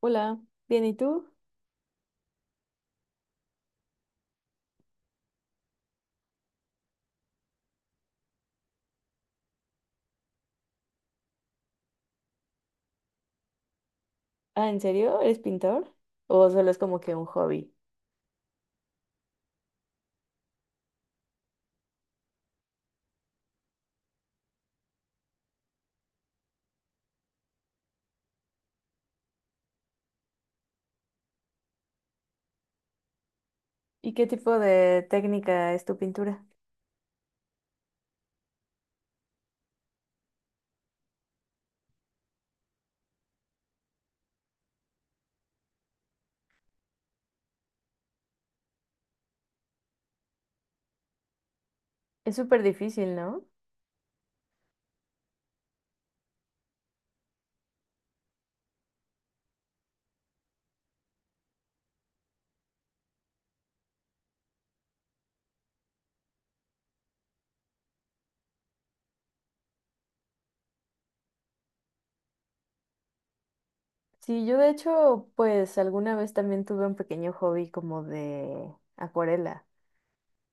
Hola, bien, ¿y tú? Ah, ¿en serio? ¿Eres pintor? ¿O solo es como que un hobby? ¿Y qué tipo de técnica es tu pintura? Es súper difícil, ¿no? Sí, yo de hecho, pues alguna vez también tuve un pequeño hobby como de acuarela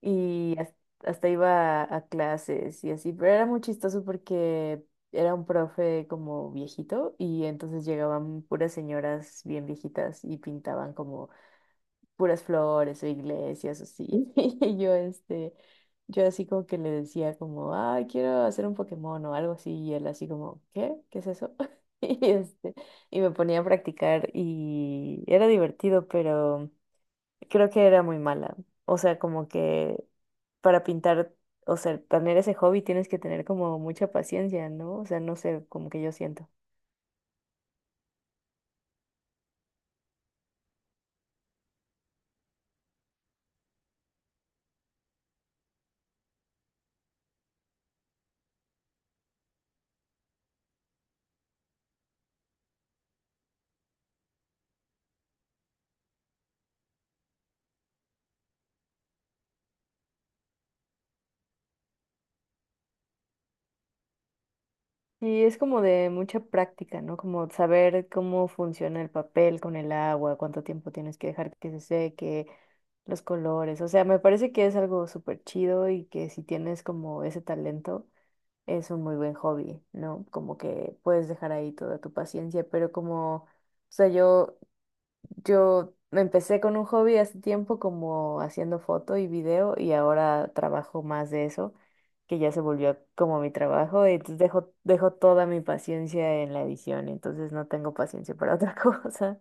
y hasta iba a clases y así, pero era muy chistoso porque era un profe como viejito y entonces llegaban puras señoras bien viejitas y pintaban como puras flores o iglesias, así. Y yo, este, yo así como que le decía como, ay, quiero hacer un Pokémon o algo así, y él así como, ¿qué? ¿Qué es eso? Y este, y me ponía a practicar y era divertido, pero creo que era muy mala. O sea, como que para pintar, o sea, tener ese hobby tienes que tener como mucha paciencia, ¿no? O sea, no sé, como que yo siento. Y es como de mucha práctica, ¿no? Como saber cómo funciona el papel con el agua, cuánto tiempo tienes que dejar que se seque, los colores. O sea, me parece que es algo súper chido y que si tienes como ese talento, es un muy buen hobby, ¿no? Como que puedes dejar ahí toda tu paciencia, pero como, o sea, yo me empecé con un hobby hace tiempo como haciendo foto y video y ahora trabajo más de eso, que ya se volvió como mi trabajo, entonces dejo, dejo toda mi paciencia en la edición, entonces no tengo paciencia para otra cosa.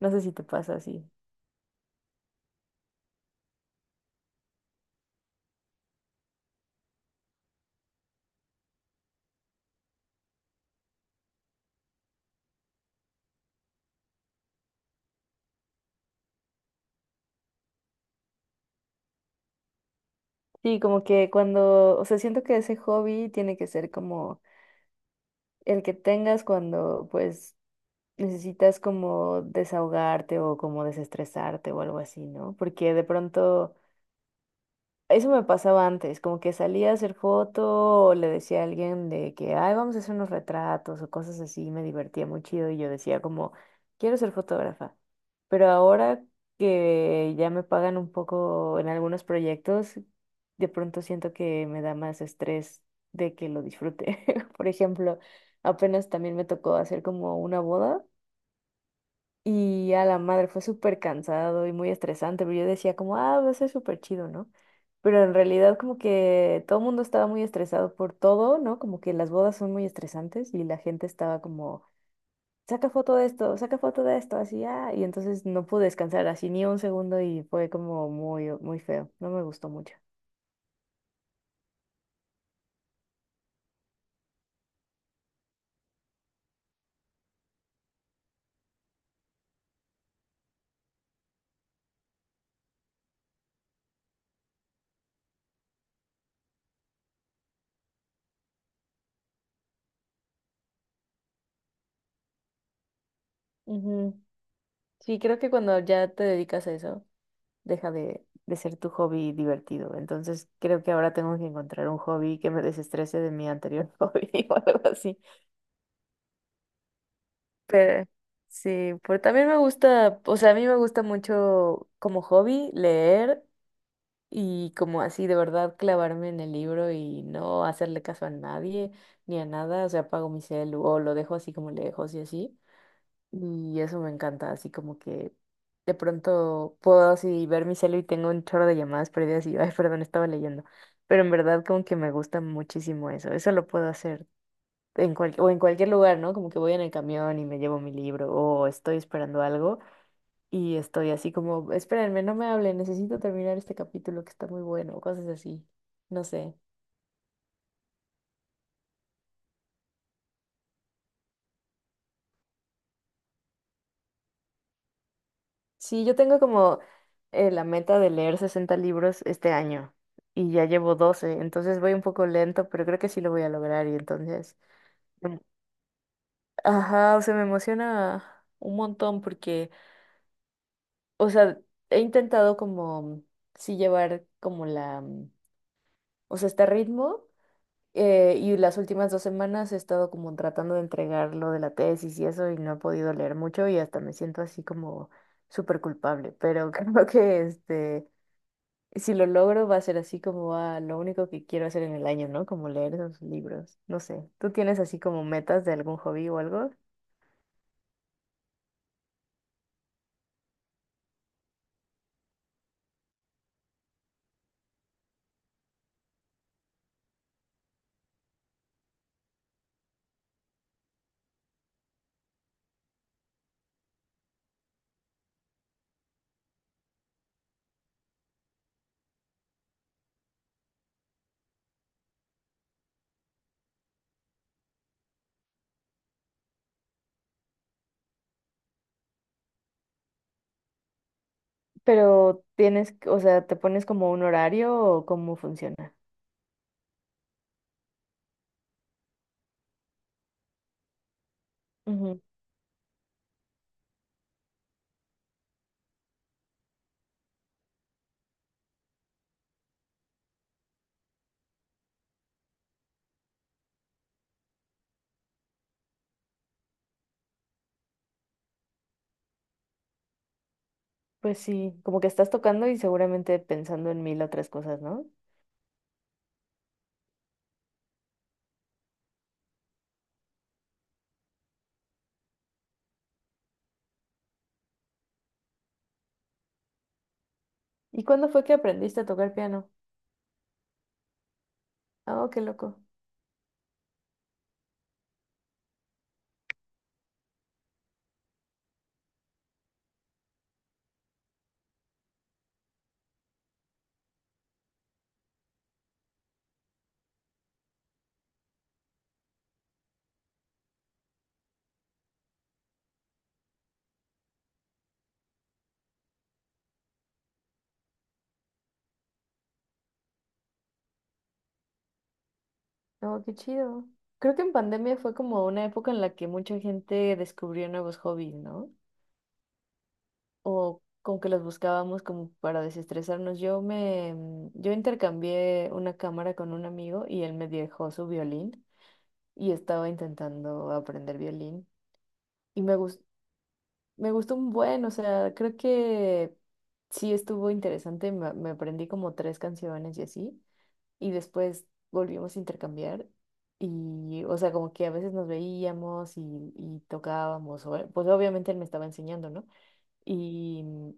No sé si te pasa así. Sí, como que cuando, o sea, siento que ese hobby tiene que ser como el que tengas cuando pues necesitas como desahogarte o como desestresarte o algo así, ¿no? Porque de pronto. Eso me pasaba antes, como que salía a hacer foto o le decía a alguien de que, ay, vamos a hacer unos retratos o cosas así, me divertía muy chido y yo decía como, quiero ser fotógrafa. Pero ahora que ya me pagan un poco en algunos proyectos, de pronto siento que me da más estrés de que lo disfrute. Por ejemplo, apenas también me tocó hacer como una boda. Y a la madre fue súper cansado y muy estresante, pero yo decía como, ah, va a ser súper chido, ¿no? Pero en realidad como que todo el mundo estaba muy estresado por todo, ¿no? Como que las bodas son muy estresantes y la gente estaba como, saca foto de esto, saca foto de esto, así, ah, y entonces no pude descansar así ni un segundo y fue como muy, muy feo, no me gustó mucho. Ujú. Sí, creo que cuando ya te dedicas a eso, deja de ser tu hobby divertido. Entonces creo que ahora tengo que encontrar un hobby que me desestrese de mi anterior hobby o algo así. Pero sí, pero también me gusta, o sea, a mí me gusta mucho como hobby leer y como así de verdad clavarme en el libro y no hacerle caso a nadie ni a nada. O sea, apago mi celu o lo dejo así como lejos y así. Y eso me encanta, así como que de pronto puedo así ver mi celu y tengo un chorro de llamadas perdidas y, ay, perdón, estaba leyendo. Pero en verdad como que me gusta muchísimo eso. Eso lo puedo hacer en cual, o en cualquier lugar, ¿no? Como que voy en el camión y me llevo mi libro o estoy esperando algo y estoy así como, espérenme, no me hablen, necesito terminar este capítulo que está muy bueno, o cosas así. No sé. Sí, yo tengo como la meta de leer 60 libros este año y ya llevo 12, entonces voy un poco lento, pero creo que sí lo voy a lograr y entonces, em- ajá, o sea, me emociona un montón porque, o sea, he intentado como, sí llevar como la, o sea, este ritmo y las últimas dos semanas he estado como tratando de entregar lo de la tesis y eso y no he podido leer mucho y hasta me siento así como súper culpable, pero creo que este. Si lo logro, va a ser así como a lo único que quiero hacer en el año, ¿no? Como leer esos libros. No sé. ¿Tú tienes así como metas de algún hobby o algo? Pero tienes, o sea, ¿te pones como un horario o cómo funciona? Ujú. Pues sí, como que estás tocando y seguramente pensando en mil otras cosas, ¿no? ¿Y cuándo fue que aprendiste a tocar piano? Oh, qué loco. Oh, qué chido. Creo que en pandemia fue como una época en la que mucha gente descubrió nuevos hobbies, ¿no? O como que los buscábamos como para desestresarnos. Yo me, yo intercambié una cámara con un amigo y él me dejó su violín y estaba intentando aprender violín y me gustó un buen, o sea, creo que sí estuvo interesante, me aprendí como tres canciones y así y después volvimos a intercambiar. Y, o sea, como que a veces nos veíamos y tocábamos, o pues obviamente él me estaba enseñando, ¿no? Y,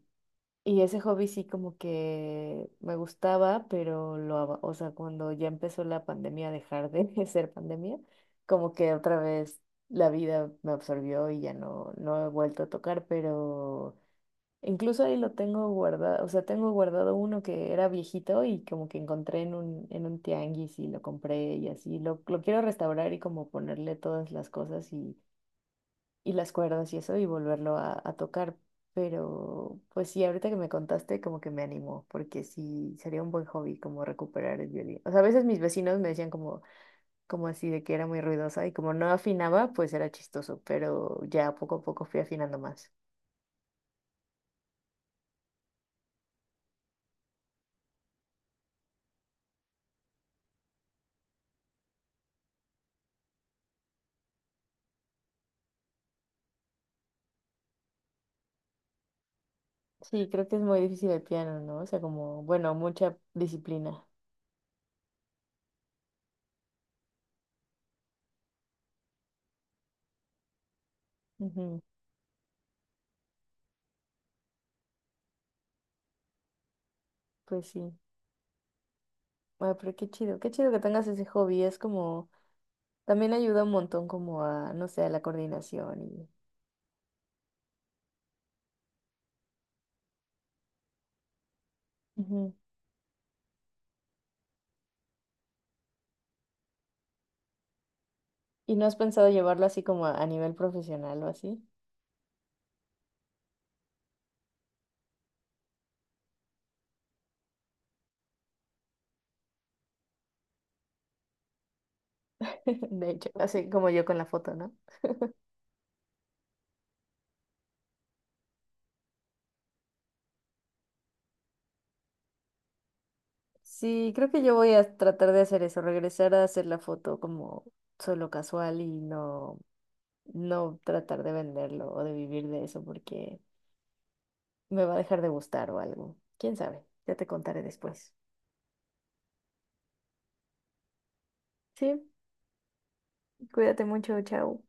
y ese hobby sí como que me gustaba, pero lo, aba- o sea, cuando ya empezó la pandemia, a dejar de ser pandemia, como que otra vez la vida me absorbió y ya no, no he vuelto a tocar, pero incluso ahí lo tengo guardado, o sea, tengo guardado uno que era viejito y como que encontré en un tianguis y lo compré y así, lo quiero restaurar y como ponerle todas las cosas y las cuerdas y eso y volverlo a tocar. Pero pues sí, ahorita que me contaste como que me animó, porque sí, sería un buen hobby como recuperar el violín. O sea, a veces mis vecinos me decían como, como así de que era muy ruidosa y como no afinaba, pues era chistoso, pero ya poco a poco fui afinando más. Sí, creo que es muy difícil el piano, ¿no? O sea, como, bueno, mucha disciplina. Ujú. Pues sí. Ah, pero qué chido que tengas ese hobby, es como, también ayuda un montón como a, no sé, a la coordinación y... Ujú. ¿Y no has pensado llevarlo así como a nivel profesional o así? De hecho, así como yo con la foto, ¿no? Sí, creo que yo voy a tratar de hacer eso, regresar a hacer la foto como solo casual y no, no tratar de venderlo o de vivir de eso porque me va a dejar de gustar o algo. ¿Quién sabe? Ya te contaré después. Sí, cuídate mucho, chao.